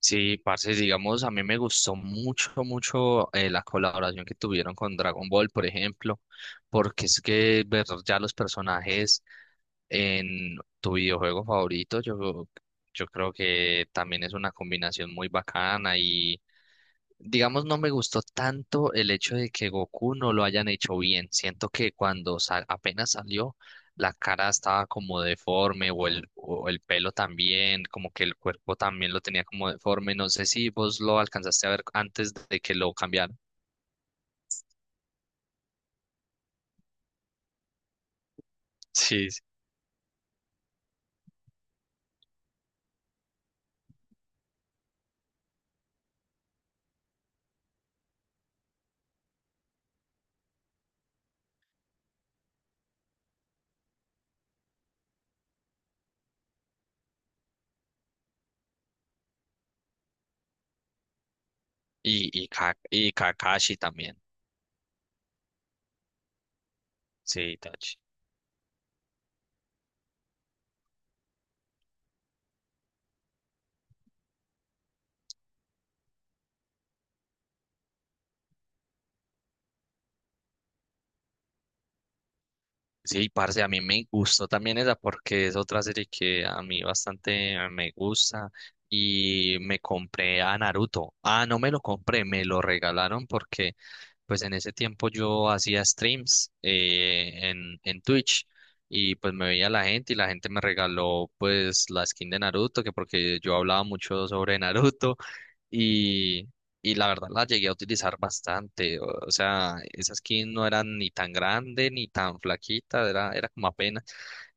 Sí, parce, digamos, a mí me gustó mucho, la colaboración que tuvieron con Dragon Ball, por ejemplo, porque es que ver ya los personajes en tu videojuego favorito, yo creo que también es una combinación muy bacana. Digamos, no me gustó tanto el hecho de que Goku no lo hayan hecho bien. Siento que apenas salió, la cara estaba como deforme o el pelo también, como que el cuerpo también lo tenía como deforme. No sé si vos lo alcanzaste a ver antes de que lo cambiaran. Sí, sí. Y Kakashi también. Sí, Itachi. Sí, parce, a mí me gustó también esa porque es otra serie que a mí bastante me gusta y me compré a Naruto. Ah, no me lo compré, me lo regalaron porque pues en ese tiempo yo hacía streams en Twitch, y pues me veía la gente y la gente me regaló pues la skin de Naruto, que porque yo hablaba mucho sobre Naruto, y, y la verdad la llegué a utilizar bastante. O sea, esa skin no era ni tan grande ni tan flaquita, era como apenas.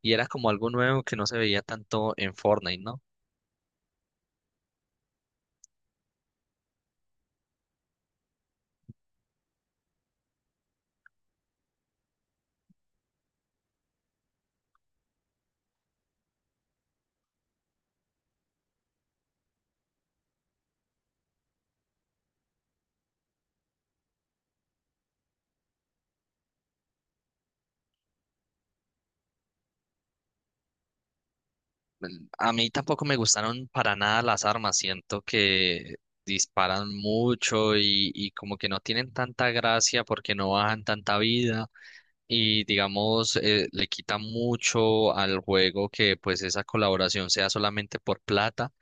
Y era como algo nuevo que no se veía tanto en Fortnite, ¿no? A mí tampoco me gustaron para nada las armas. Siento que disparan mucho y como que no tienen tanta gracia porque no bajan tanta vida. Y digamos, le quita mucho al juego que pues esa colaboración sea solamente por plata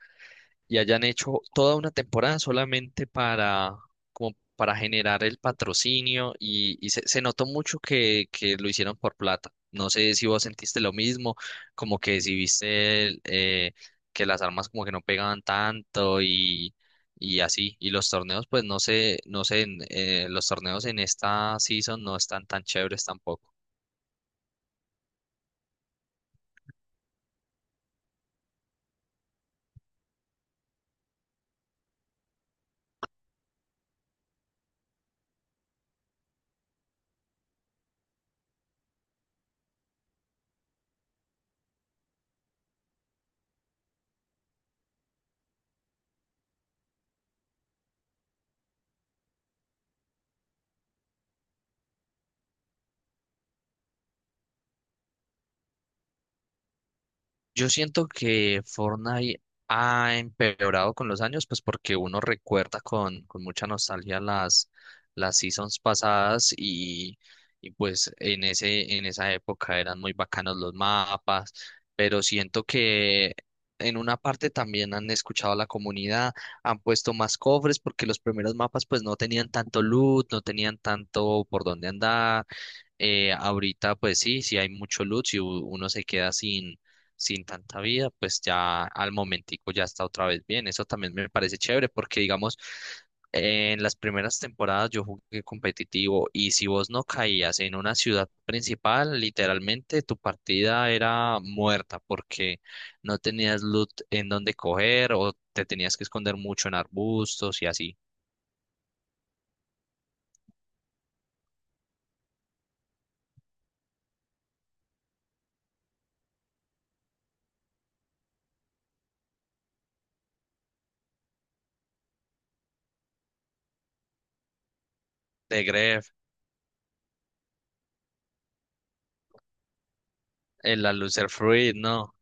y hayan hecho toda una temporada solamente para, como para generar el patrocinio y se notó mucho que lo hicieron por plata. No sé si vos sentiste lo mismo, como que si viste que las armas como que no pegaban tanto y así. Y los torneos, pues no sé, no sé, los torneos en esta season no están tan chéveres tampoco. Yo siento que Fortnite ha empeorado con los años, pues porque uno recuerda con mucha nostalgia las seasons pasadas, y pues en en esa época eran muy bacanos los mapas, pero siento que en una parte también han escuchado a la comunidad, han puesto más cofres porque los primeros mapas pues no tenían tanto loot, no tenían tanto por dónde andar. Ahorita, pues sí, si hay mucho loot, si uno se queda sin tanta vida, pues ya al momentico ya está otra vez bien. Eso también me parece chévere porque, digamos, en las primeras temporadas yo jugué competitivo y si vos no caías en una ciudad principal, literalmente tu partida era muerta porque no tenías loot en donde coger o te tenías que esconder mucho en arbustos y así. De Grefg, el la Fruit, no.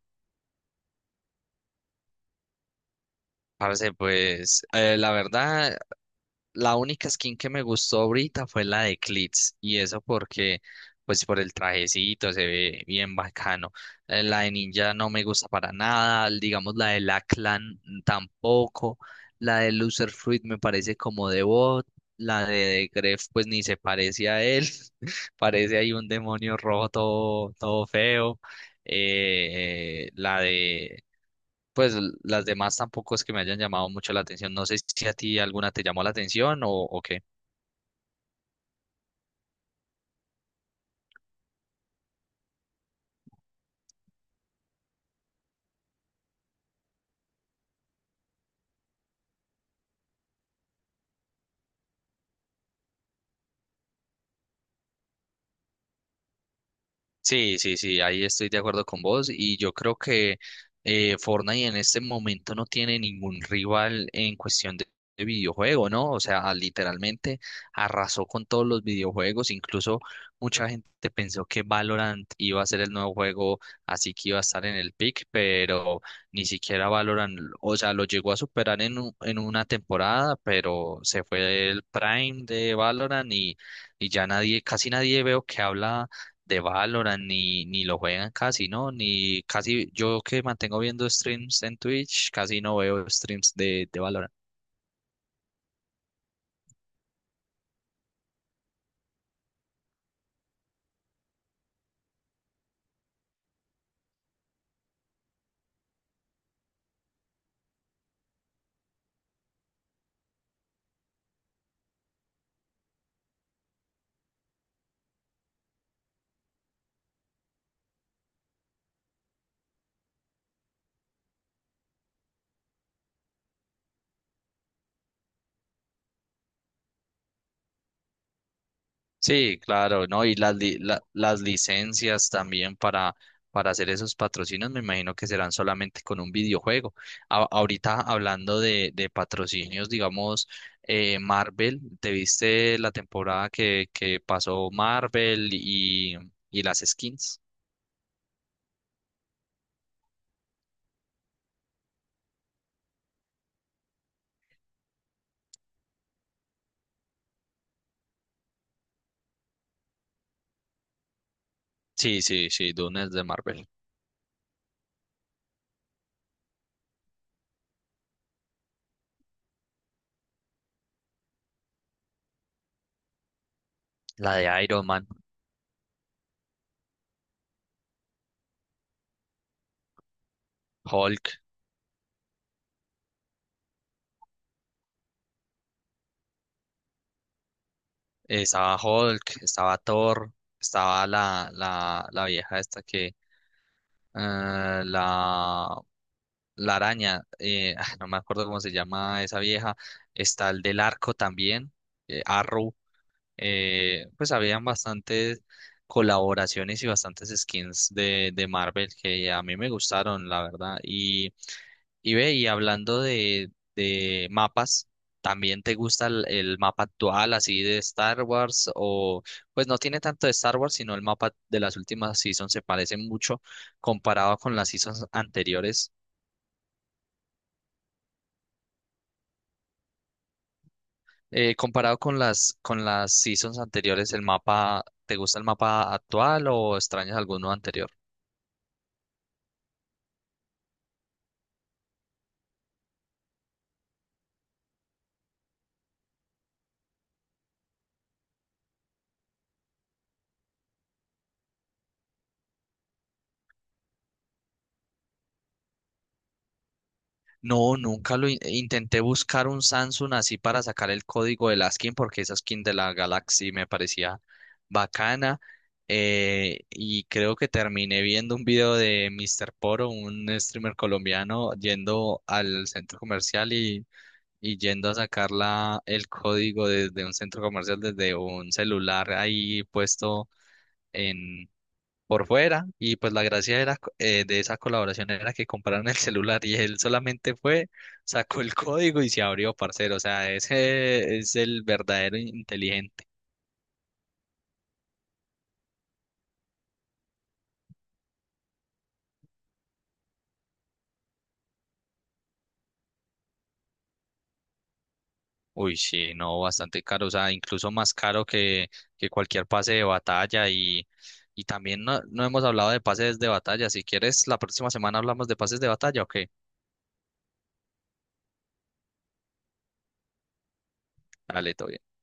Parce, pues la verdad, la única skin que me gustó ahorita fue la de Klitz, y eso porque, pues por el trajecito se ve bien bacano. La de Ninja no me gusta para nada, digamos la de la Clan tampoco, la de Loser Fruit me parece como de bot, la de Gref pues ni se parece a él, parece ahí un demonio rojo todo, todo feo. La de pues l- Las demás tampoco es que me hayan llamado mucho la atención. No sé si a ti alguna te llamó la atención o qué. Sí, sí, sí, ahí estoy de acuerdo con vos y yo creo que Fortnite en este momento no tiene ningún rival en cuestión de videojuego, ¿no? O sea, literalmente arrasó con todos los videojuegos, incluso mucha gente pensó que Valorant iba a ser el nuevo juego, así que iba a estar en el pick, pero ni siquiera Valorant, o sea, lo llegó a superar en, en una temporada, pero se fue el prime de Valorant y ya nadie, casi nadie veo que habla de Valorant ni, ni lo juegan casi, ¿no? Ni casi, yo que mantengo viendo streams en Twitch, casi no veo streams de Valorant. Sí, claro, ¿no? Y las licencias también para hacer esos patrocinios, me imagino que serán solamente con un videojuego. Ahorita hablando de patrocinios, digamos, Marvel, ¿te viste la temporada que pasó Marvel y las skins? Sí, sí, sí, Dune es de Marvel. La de Iron Man. Hulk, estaba Hulk, estaba Thor, estaba la vieja esta que, eh, la, la araña, ah, no me acuerdo cómo se llama esa vieja, está el del arco también, Arrow, pues habían bastantes colaboraciones y bastantes skins de Marvel que a mí me gustaron, la verdad, y Y ve, y hablando de mapas, ¿también te gusta el mapa actual, así de Star Wars? O, pues no tiene tanto de Star Wars, sino el mapa de las últimas seasons se parece mucho comparado con las seasons anteriores. Comparado con con las seasons anteriores, ¿el mapa, te gusta el mapa actual o extrañas alguno anterior? No, nunca lo intenté buscar un Samsung así para sacar el código de la skin porque esa skin de la Galaxy me parecía bacana. Eh, y creo que terminé viendo un video de Mr. Poro, un streamer colombiano, yendo al centro comercial y yendo a sacar la, el código desde un centro comercial, desde un celular ahí puesto por fuera y pues la gracia era, de esa colaboración era que compraron el celular y él solamente fue, sacó el código y se abrió, parcero, o sea, ese es el verdadero inteligente. Uy, sí, no, bastante caro, o sea, incluso más caro que cualquier pase de batalla y también no, no hemos hablado de pases de batalla, si quieres la próxima semana hablamos de pases de batalla o qué, dale, todo bien.